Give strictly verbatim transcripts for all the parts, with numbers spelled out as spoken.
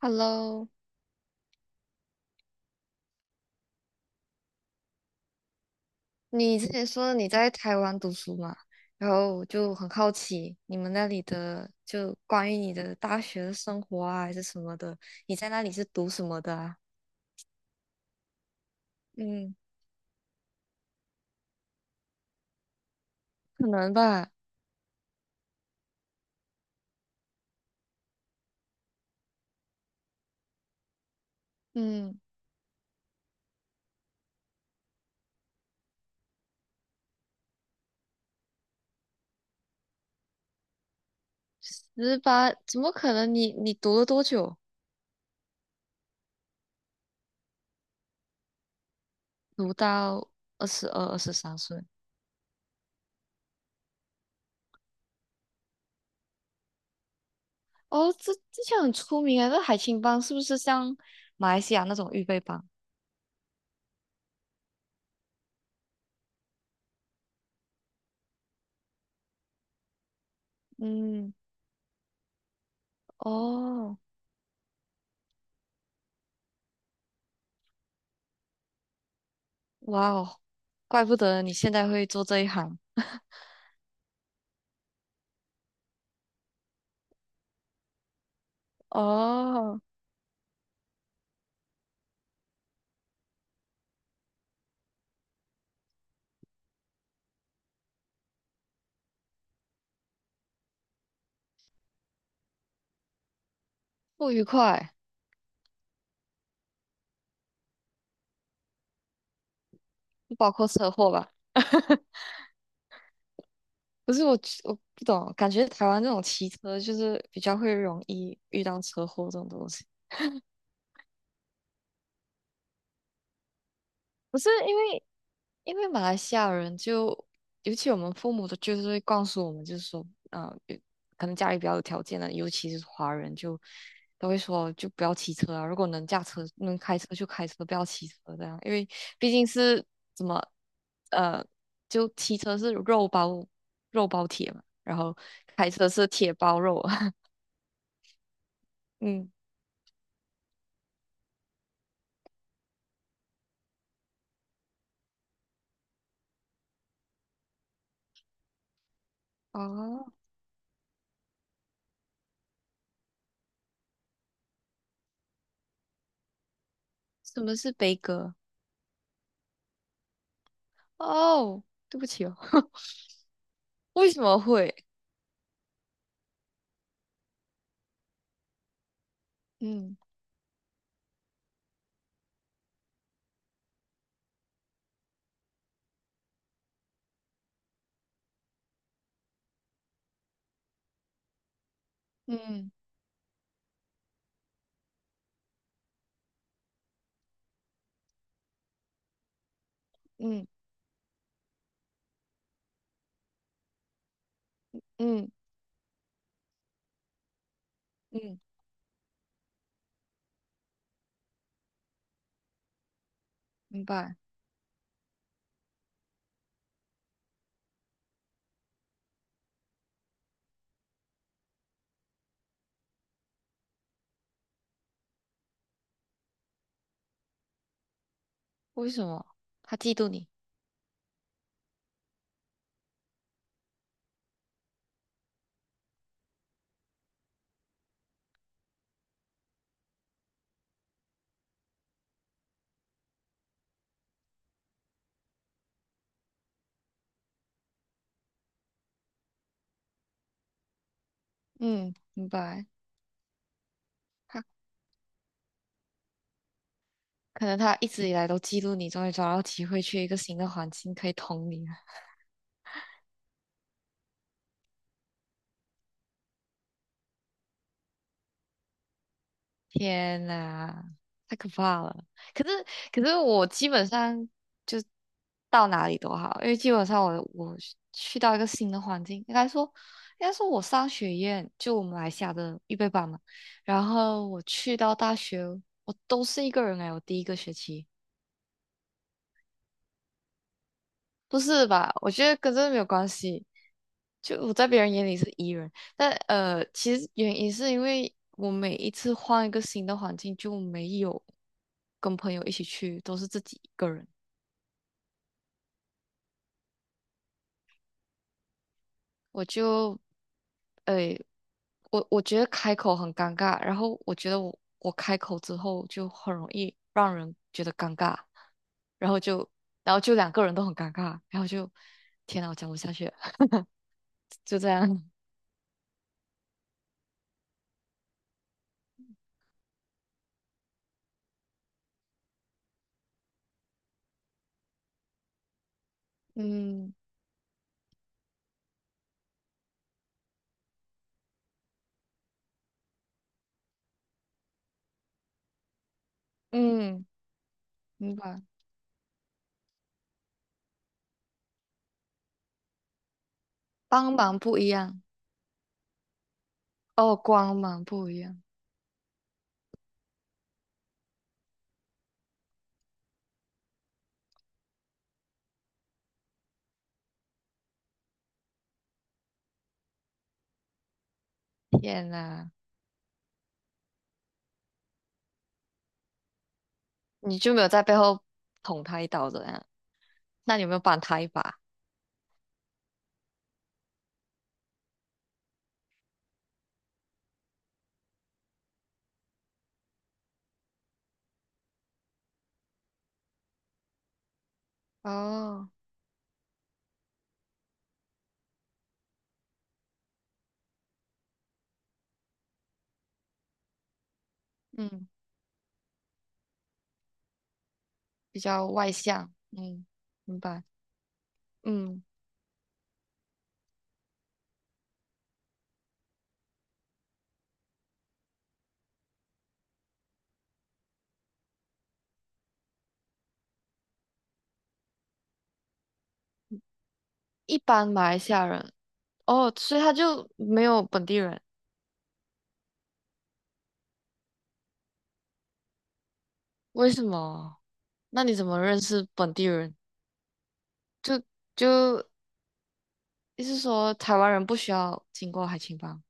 Hello，你之前说你在台湾读书嘛，然后我就很好奇你们那里的，就关于你的大学的生活啊，还是什么的，你在那里是读什么的啊？嗯，可能吧。嗯，十八，怎么可能你？你读了多久？读到二十二、二十三岁？哦，这之前很出名啊，那海青帮是不是像马来西亚那种预备班？嗯。哦，哇哦，怪不得你现在会做这一行。哦，不愉快，不包括车祸吧？不是我，我不懂，感觉台湾这种骑车就是比较会容易遇到车祸这种东西。不是因为因为马来西亚人就，尤其我们父母的，就是会告诉我们，就是说，啊、有可能家里比较有条件的，尤其是华人就，都会说，就不要骑车啊，如果能驾车、能开车就开车，不要骑车这样，因为毕竟是怎么，呃，就骑车是肉包肉包铁嘛，然后开车是铁包肉啊。嗯。哦，什么是悲歌？哦，对不起哦。为什么会？嗯嗯嗯嗯嗯。明白。为什么？他嫉妒你。嗯，明白。他可能他一直以来都嫉妒你，终于找到机会去一个新的环境可以捅你了。天呐，太可怕了！可是可是我基本上就到哪里都好，因为基本上我我去到一个新的环境，应该说应该说我商学院就我们马来西亚的预备班嘛，然后我去到大学，我都是一个人哎，我第一个学期。不是吧？我觉得跟这个没有关系。就我在别人眼里是 E 人，但呃，其实原因是因为我每一次换一个新的环境，就没有跟朋友一起去，都是自己一个人。我就诶、我我觉得开口很尴尬，然后我觉得我我开口之后就很容易让人觉得尴尬，然后就然后就两个人都很尴尬，然后就天呐，我讲不下去了。就这样。嗯嗯，明白。帮忙不一样哦，光芒不一样。天哪，你就没有在背后捅他一刀的样？那你有没有帮他一把？哦。嗯，比较外向，嗯。明白。嗯。一般马来西亚人。哦，所以他就没有本地人，为什么？那你怎么认识本地人？就就意思说台湾人不需要经过海青帮。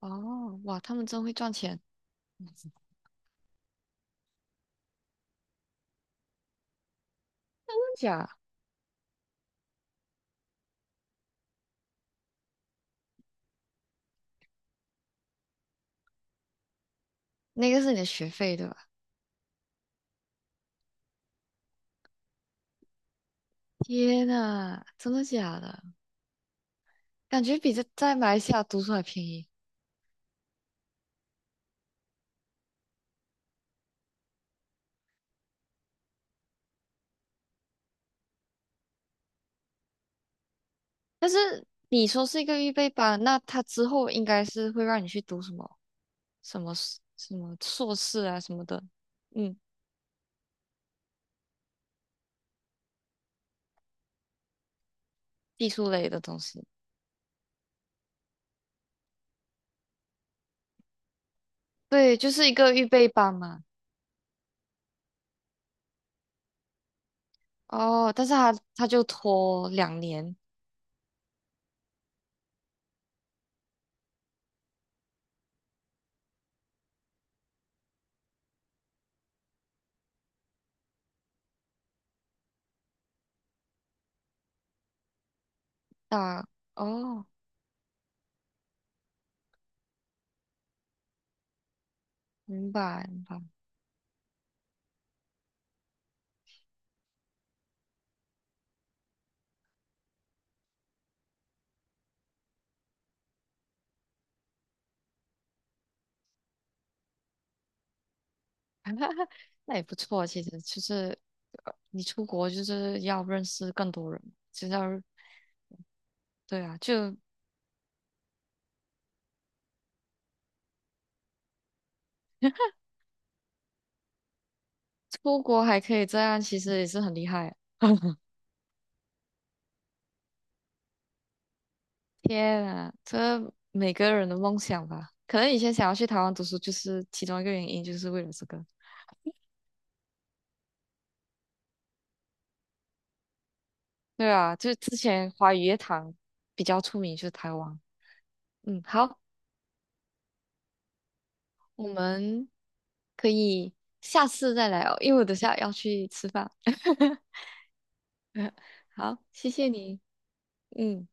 哦，哇，他们真会赚钱。真的假？那个是你的学费对吧？天呐，真的假的？感觉比在在马来西亚读书还便宜。但是你说是一个预备班，那他之后应该是会让你去读什么什么 s- 什么硕士啊什么的，嗯，技术类的东西。对，就是一个预备班嘛。哦，但是他他就拖两年大。哦，明白明白，那也不错。其实就是呃你出国就是要认识更多人，就是要对啊，就出国还可以这样，其实也是很厉害。天啊，这每个人的梦想吧。可能以前想要去台湾读书，就是其中一个原因，就是为了这个。对啊，就是之前华语乐坛比较出名，就是台湾。嗯，好，我们可以下次再来哦，因为我等下要去吃饭。好，谢谢你。嗯。